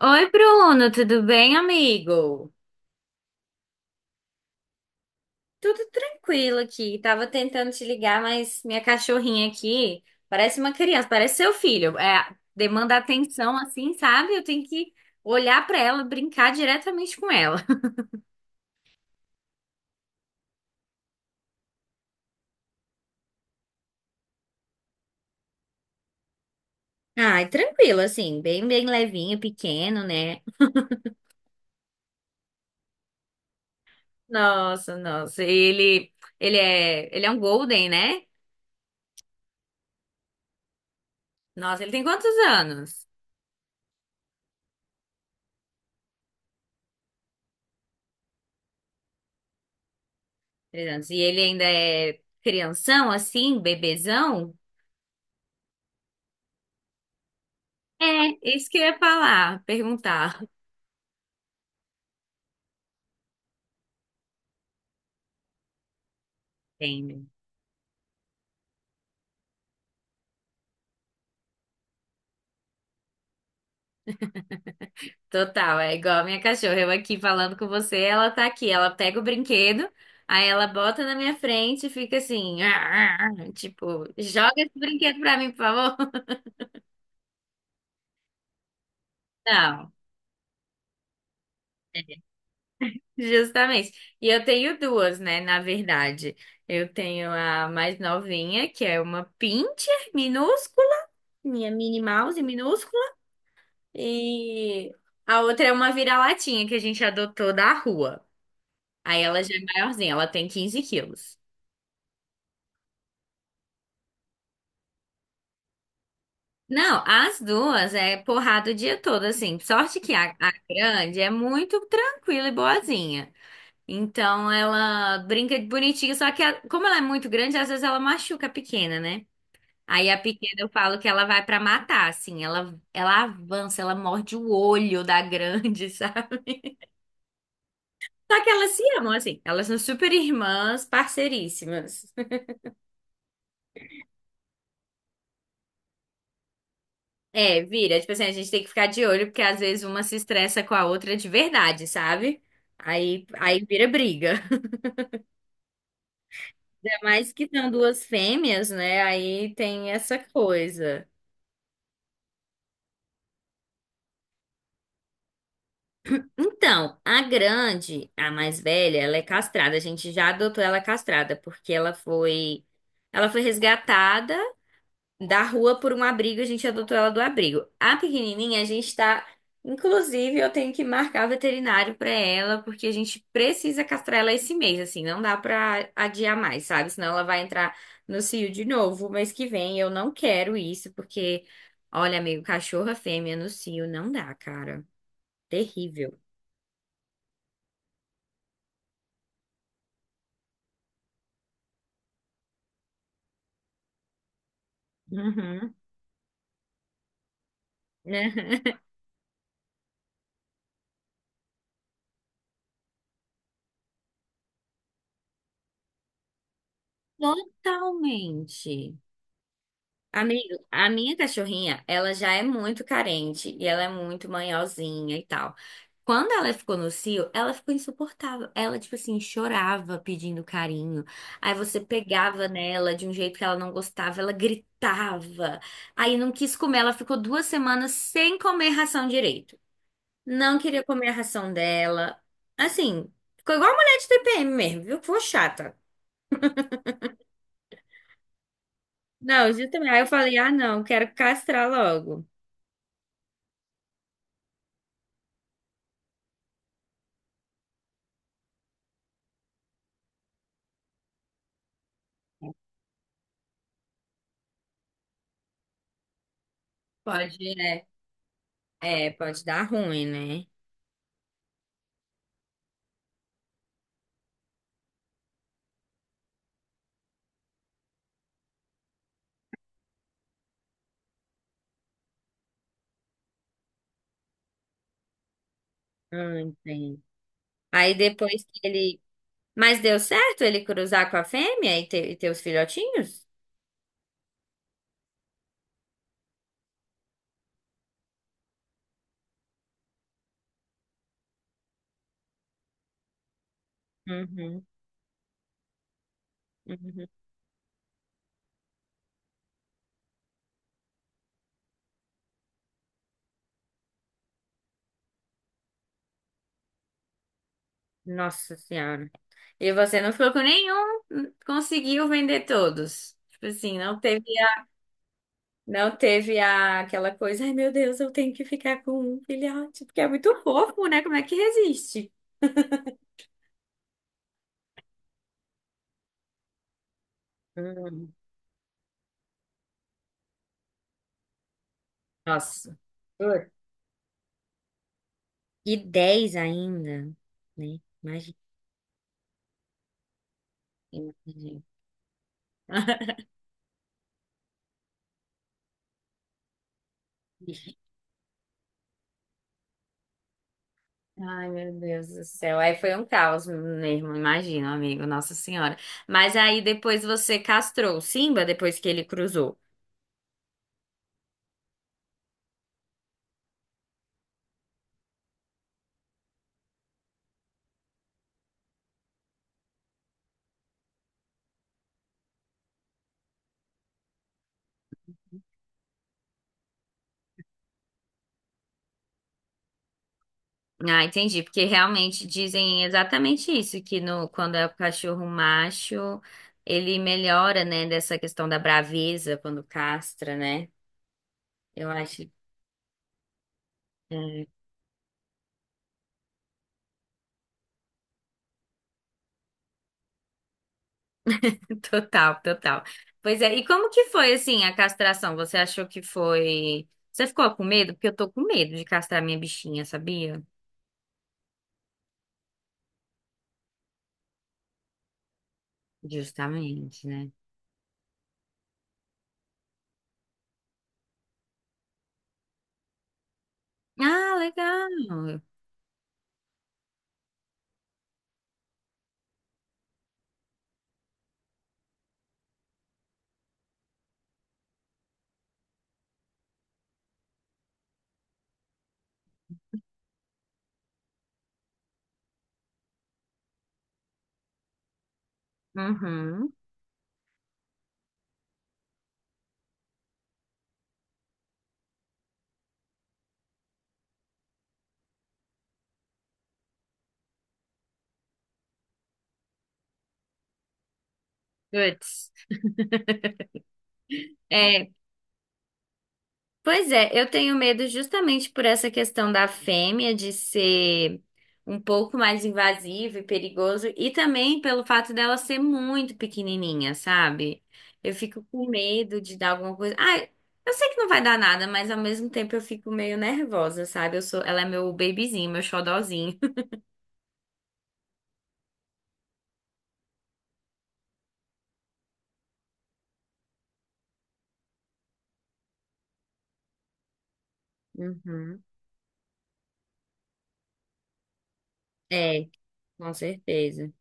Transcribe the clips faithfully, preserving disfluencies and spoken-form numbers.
Oi, Bruno, tudo bem, amigo? Tudo tranquilo aqui. Tava tentando te ligar, mas minha cachorrinha aqui parece uma criança, parece seu filho. É, demanda atenção assim, sabe? Eu tenho que olhar pra ela, brincar diretamente com ela. Ai, tranquilo, assim, bem, bem levinho, pequeno, né? Nossa, nossa. Ele, ele é, ele é um golden, né? Nossa, ele tem quantos anos? Três anos. E ele ainda é crianção, assim, bebezão? É, isso que eu ia falar, perguntar. Entendo. Total, é igual a minha cachorra. Eu aqui falando com você, ela tá aqui. Ela pega o brinquedo, aí ela bota na minha frente e fica assim, "Ah, ah, ah", tipo, joga esse brinquedo pra mim, por favor. Não, é, justamente. E eu tenho duas, né, na verdade. Eu tenho a mais novinha, que é uma pincher minúscula, minha Minnie Mouse minúscula, e a outra é uma vira-latinha que a gente adotou da rua. Aí ela já é maiorzinha, ela tem quinze quilos. Não, as duas é porrada o dia todo, assim. Sorte que a, a grande é muito tranquila e boazinha. Então ela brinca de bonitinha, só que a- como ela é muito grande, às vezes ela machuca a pequena, né? Aí a pequena eu falo que ela vai pra matar, assim. Ela, ela avança, ela morde o olho da grande, sabe? Só que elas se amam, assim. Elas são super irmãs, parceiríssimas. É, vira. Tipo assim, a gente tem que ficar de olho, porque às vezes uma se estressa com a outra de verdade, sabe? Aí, aí vira briga. Ainda mais que são duas fêmeas, né? Aí tem essa coisa. Então, a grande, a mais velha, ela é castrada. A gente já adotou ela castrada, porque ela foi, ela foi resgatada da rua por um abrigo, a gente adotou ela do abrigo. A pequenininha, a gente tá. Inclusive, eu tenho que marcar veterinário pra ela, porque a gente precisa castrar ela esse mês, assim, não dá pra adiar mais, sabe? Senão ela vai entrar no cio de novo mês que vem. Eu não quero isso, porque, olha, amigo, cachorra fêmea no cio não dá, cara. Terrível. Uhum. Totalmente. Amigo, a minha cachorrinha, ela já é muito carente e ela é muito manhosinha e tal. Quando ela ficou no cio, ela ficou insuportável. Ela, tipo assim, chorava pedindo carinho. Aí você pegava nela de um jeito que ela não gostava, ela gritava. Aí não quis comer, ela ficou duas semanas sem comer ração direito. Não queria comer a ração dela. Assim, ficou igual a mulher de T P M mesmo, viu? Ficou chata. Não, justamente. Aí eu falei, ah, não, quero castrar logo. Pode, né? É, pode dar ruim, né? Ah, entendi. Aí depois que ele. Mas deu certo ele cruzar com a fêmea e ter, e ter os filhotinhos? Uhum, uhum. Nossa Senhora. E você não ficou com nenhum, n- conseguiu vender todos. Tipo assim, não teve a, não teve a, aquela coisa, ai meu Deus, eu tenho que ficar com um filhote, porque é muito fofo, né? Como é que resiste? Hum, Nossa. Putz. E dez ainda, né? Imagina. imagina. Ai, meu Deus do céu. Aí foi um caos mesmo, imagino, amigo, Nossa Senhora. Mas aí depois você castrou o Simba depois que ele cruzou. Ah, entendi, porque realmente dizem exatamente isso, que no, quando é o cachorro macho, ele melhora, né, dessa questão da braveza quando castra, né? Eu acho. É. total, total. Pois é, e como que foi, assim, a castração? Você achou que foi. Você ficou com medo? Porque eu tô com medo de castrar minha bichinha, sabia? Justamente, né? Ah, legal. Uhum. Puts. É, pois é, eu tenho medo justamente por essa questão da fêmea de ser um pouco mais invasivo e perigoso, e também pelo fato dela ser muito pequenininha, sabe? Eu fico com medo de dar alguma coisa. Ah, eu sei que não vai dar nada, mas ao mesmo tempo eu fico meio nervosa, sabe? Eu sou, ela é meu bebezinho, meu xodozinho. Uhum. É, com certeza.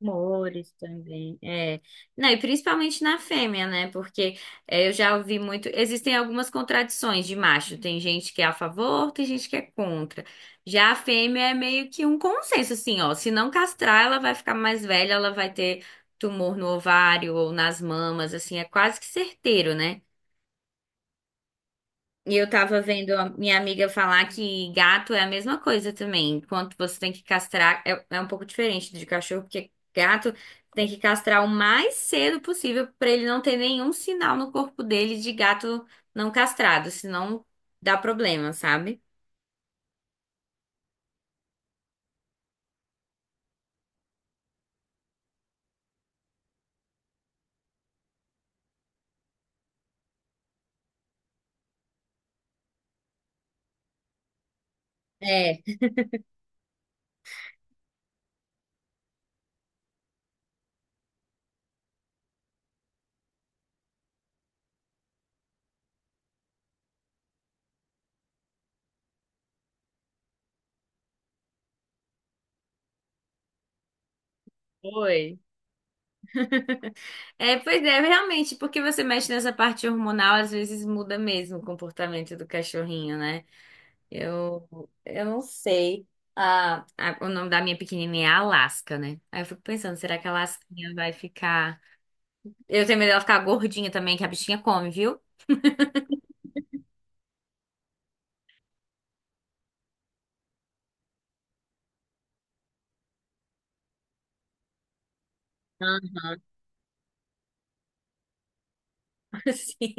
Humores também, é. Não, e principalmente na fêmea, né? Porque é, eu já ouvi muito. Existem algumas contradições de macho. Tem gente que é a favor, tem gente que é contra. Já a fêmea é meio que um consenso, assim, ó. Se não castrar, ela vai ficar mais velha, ela vai ter tumor no ovário ou nas mamas, assim, é quase que certeiro, né? E eu tava vendo a minha amiga falar que gato é a mesma coisa também. Enquanto você tem que castrar, é, é um pouco diferente de cachorro, porque gato tem que castrar o mais cedo possível pra ele não ter nenhum sinal no corpo dele de gato não castrado, senão dá problema, sabe? É. Oi. É, pois é, realmente, porque você mexe nessa parte hormonal, às vezes muda mesmo o comportamento do cachorrinho, né? Eu, eu não sei. Ah, a- o nome da minha pequenininha é Alaska, né? Aí eu fico pensando, será que a Alasquinha vai ficar. Eu tenho medo dela ficar gordinha também, que a bichinha come, viu? Ah. Sim.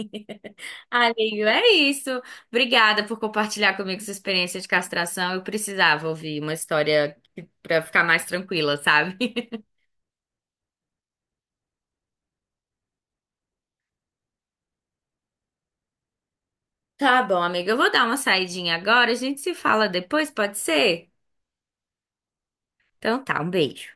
Amigo, é isso. Obrigada por compartilhar comigo sua experiência de castração. Eu precisava ouvir uma história que- pra ficar mais tranquila, sabe? Tá bom, amiga. Eu vou dar uma saidinha agora. A gente se fala depois, pode ser? Então tá, um beijo.